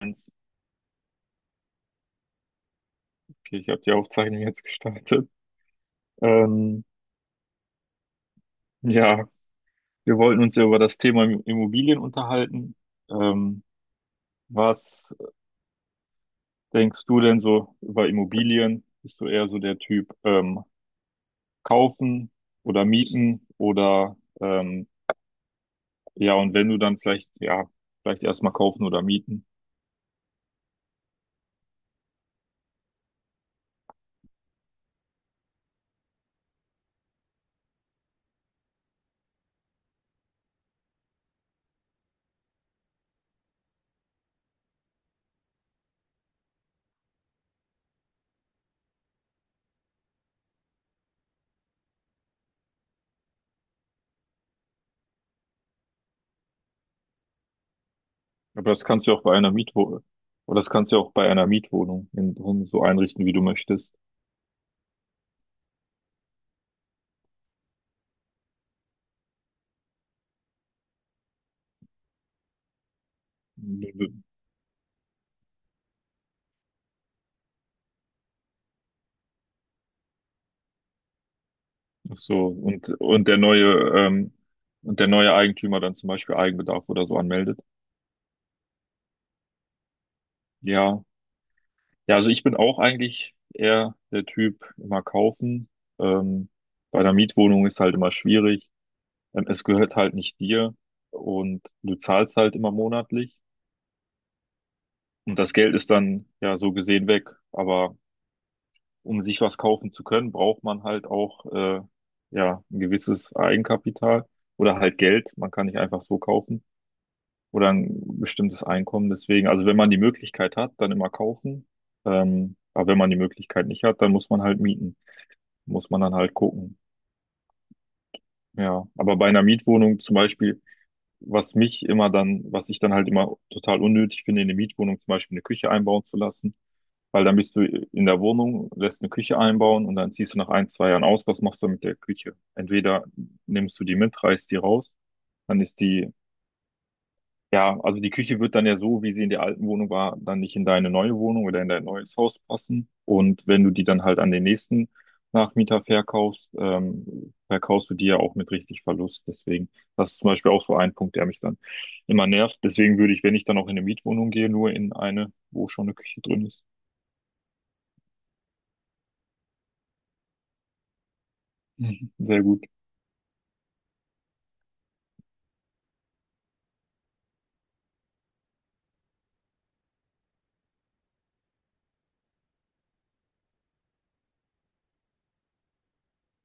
Eins. Okay, ich habe die Aufzeichnung jetzt gestartet. Ähm, ja, wir wollten uns ja über das Thema Immobilien unterhalten. Ähm, Was denkst du denn so über Immobilien? Bist du eher so der Typ kaufen oder mieten oder ja, und wenn du dann vielleicht, ja, vielleicht erstmal kaufen oder mieten. Aber das kannst du ja auch bei einer Mietwohnung, oder das kannst du ja auch bei einer Mietwohnung in, so einrichten, wie du möchtest. Ach so, und der neue Eigentümer dann zum Beispiel Eigenbedarf oder so anmeldet. Ja, ja, also ich bin auch eigentlich eher der Typ, immer kaufen. Ähm, Bei einer Mietwohnung ist halt immer schwierig. Es gehört halt nicht dir und du zahlst halt immer monatlich. Und das Geld ist dann ja so gesehen weg. Aber um sich was kaufen zu können, braucht man halt auch ja ein gewisses Eigenkapital oder halt Geld. Man kann nicht einfach so kaufen. Oder ein bestimmtes Einkommen. Deswegen, also wenn man die Möglichkeit hat, dann immer kaufen. Aber wenn man die Möglichkeit nicht hat, dann muss man halt mieten. Muss man dann halt gucken. Ja, aber bei einer Mietwohnung zum Beispiel, was mich immer dann, was ich dann halt immer total unnötig finde, in eine Mietwohnung zum Beispiel eine Küche einbauen zu lassen, weil dann bist du in der Wohnung, lässt eine Küche einbauen und dann ziehst du nach ein, zwei Jahren aus. Was machst du mit der Küche? Entweder nimmst du die mit, reißt die raus, dann ist die. Ja, also die Küche wird dann ja so, wie sie in der alten Wohnung war, dann nicht in deine neue Wohnung oder in dein neues Haus passen. Und wenn du die dann halt an den nächsten Nachmieter verkaufst, verkaufst du die ja auch mit richtig Verlust. Deswegen, das ist zum Beispiel auch so ein Punkt, der mich dann immer nervt. Deswegen würde ich, wenn ich dann auch in eine Mietwohnung gehe, nur in eine, wo schon eine Küche drin ist. Mhm. Sehr gut.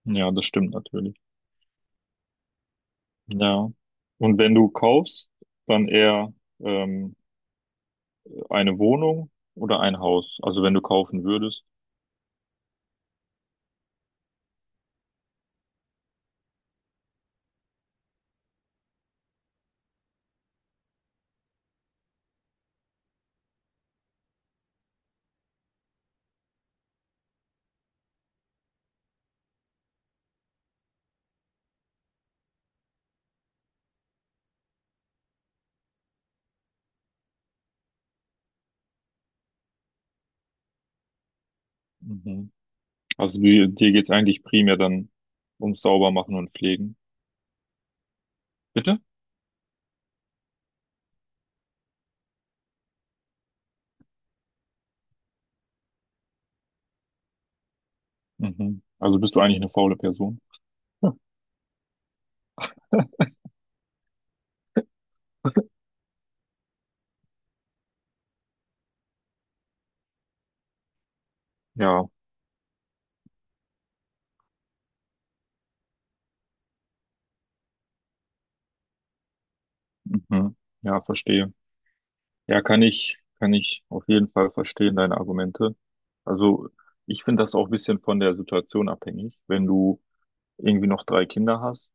Ja, das stimmt natürlich. Ja. Und wenn du kaufst, dann eher ähm, eine Wohnung oder ein Haus. Also wenn du kaufen würdest. Mhm. Also du, dir geht's eigentlich primär dann ums Saubermachen und Pflegen. Bitte? Mhm. Also bist du eigentlich eine faule Person? Ja. Mhm. Ja, verstehe. Ja, kann ich auf jeden Fall verstehen, deine Argumente. Also ich finde das auch ein bisschen von der Situation abhängig. Wenn du irgendwie noch drei Kinder hast,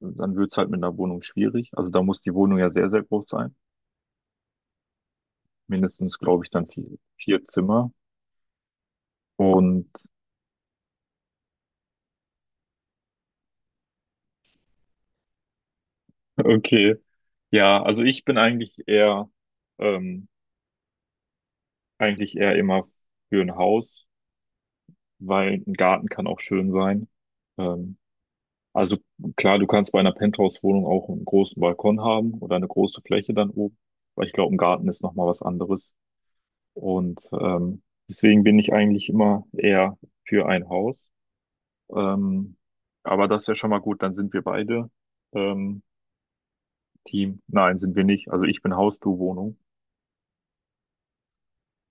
dann wird's halt mit einer Wohnung schwierig. Also da muss die Wohnung ja sehr, sehr groß sein. Mindestens, glaube ich, dann vier Zimmer. Und okay. Ja, also ich bin eigentlich eher. ähm, Eigentlich eher immer für ein Haus, weil ein Garten kann auch schön sein. Ähm, also klar, du kannst bei einer Penthouse-Wohnung auch einen großen Balkon haben oder eine große Fläche dann oben, aber ich glaube, ein Garten ist nochmal was anderes. Und deswegen bin ich eigentlich immer eher für ein Haus. Ähm, aber das ist ja schon mal gut, dann sind wir beide ähm, Team. Nein, sind wir nicht. Also ich bin Haus, du Wohnung,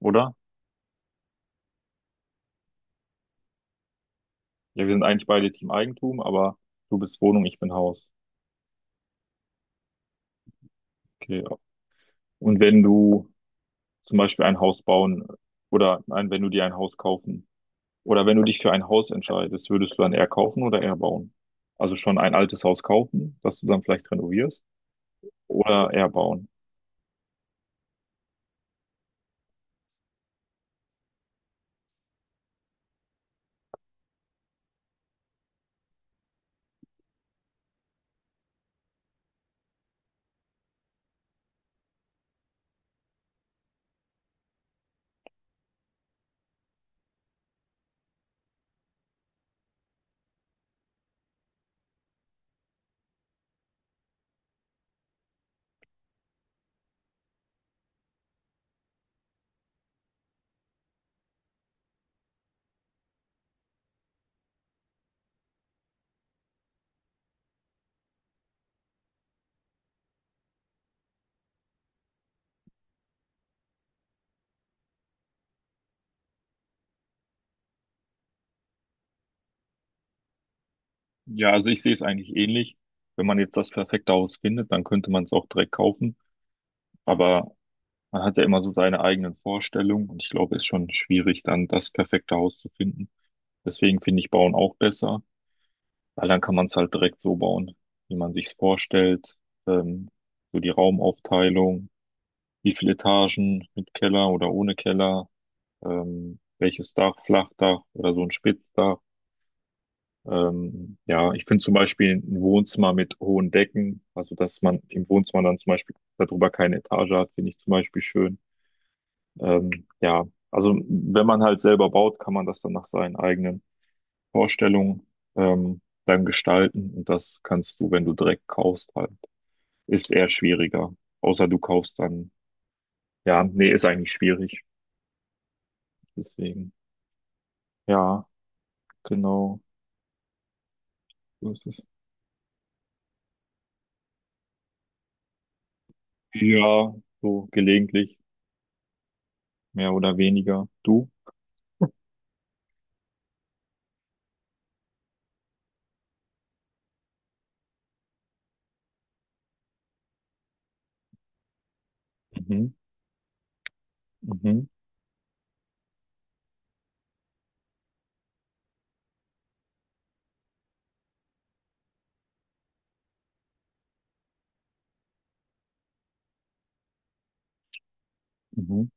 oder? Ja, wir sind eigentlich beide Team Eigentum, aber du bist Wohnung, ich bin Haus. Okay. Und wenn du zum Beispiel ein Haus bauen oder nein, wenn du dir ein Haus kaufen oder wenn du dich für ein Haus entscheidest, würdest du dann eher kaufen oder eher bauen? Also schon ein altes Haus kaufen, das du dann vielleicht renovierst oder eher bauen? Ja, also ich sehe es eigentlich ähnlich. Wenn man jetzt das perfekte Haus findet, dann könnte man es auch direkt kaufen. Aber man hat ja immer so seine eigenen Vorstellungen und ich glaube, es ist schon schwierig, dann das perfekte Haus zu finden. Deswegen finde ich Bauen auch besser. Weil dann kann man es halt direkt so bauen, wie man sich's vorstellt. Ähm, so die Raumaufteilung, wie viele Etagen mit Keller oder ohne Keller, welches Dach, Flachdach oder so ein Spitzdach. Ja, ich finde zum Beispiel ein Wohnzimmer mit hohen Decken, also dass man im Wohnzimmer dann zum Beispiel darüber keine Etage hat, finde ich zum Beispiel schön. Ja, also wenn man halt selber baut, kann man das dann nach seinen eigenen Vorstellung beim Gestalten und das kannst du, wenn du direkt kaufst, halt. Ist eher schwieriger. Außer du kaufst dann, ja, nee, ist eigentlich schwierig. Deswegen, ja, genau, so ist es. Ja, so gelegentlich, mehr oder weniger. Du? Mhm. Mhm. Mhm.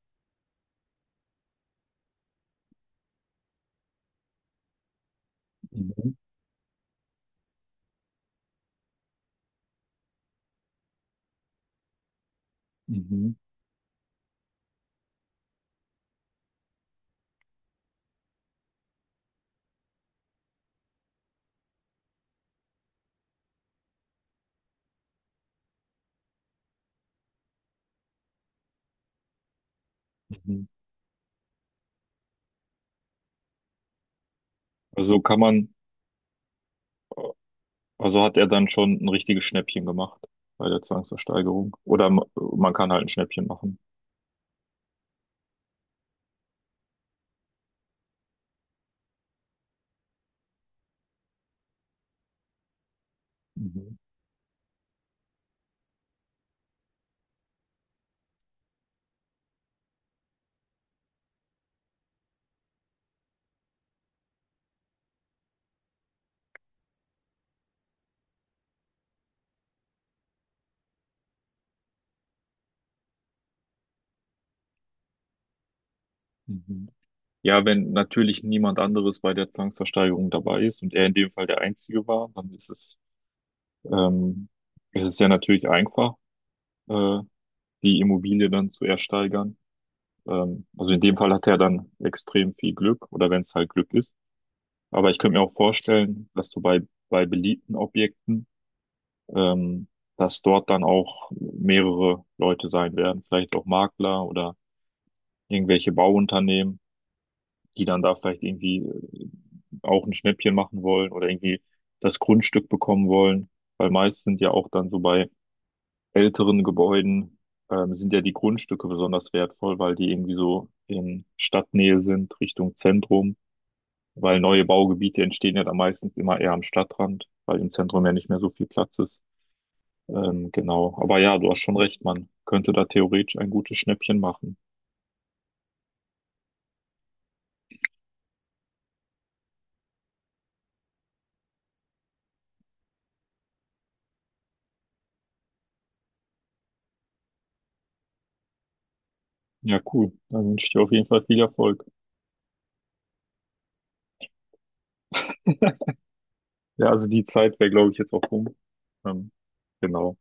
Mhm. Mhm. Mhm. Also kann man, also hat er dann schon ein richtiges Schnäppchen gemacht bei der Zwangsversteigerung. Oder man kann halt ein Schnäppchen machen. Mhm. Mhm. Ja, wenn natürlich niemand anderes bei der Zwangsversteigerung dabei ist und er in dem Fall der Einzige war, dann ist es, ähm, es ist ja natürlich einfach, äh, die Immobilie dann zu ersteigern. Also in dem Fall hat er dann extrem viel Glück oder wenn es halt Glück ist. Aber ich könnte mir auch vorstellen, dass du bei, beliebten Objekten, ähm, dass dort dann auch mehrere Leute sein werden, vielleicht auch Makler oder irgendwelche Bauunternehmen, die dann da vielleicht irgendwie auch ein Schnäppchen machen wollen oder irgendwie das Grundstück bekommen wollen. Weil meist sind ja auch dann so bei älteren Gebäuden sind ja die Grundstücke besonders wertvoll, weil die irgendwie so in Stadtnähe sind, Richtung Zentrum. Weil neue Baugebiete entstehen ja dann meistens immer eher am Stadtrand, weil im Zentrum ja nicht mehr so viel Platz ist. Genau. Aber ja, du hast schon recht, man könnte da theoretisch ein gutes Schnäppchen machen. Ja, cool. Dann wünsche ich dir auf jeden Fall viel Erfolg. Ja, also die Zeit wäre, glaube ich, jetzt auch rum. Ähm, genau.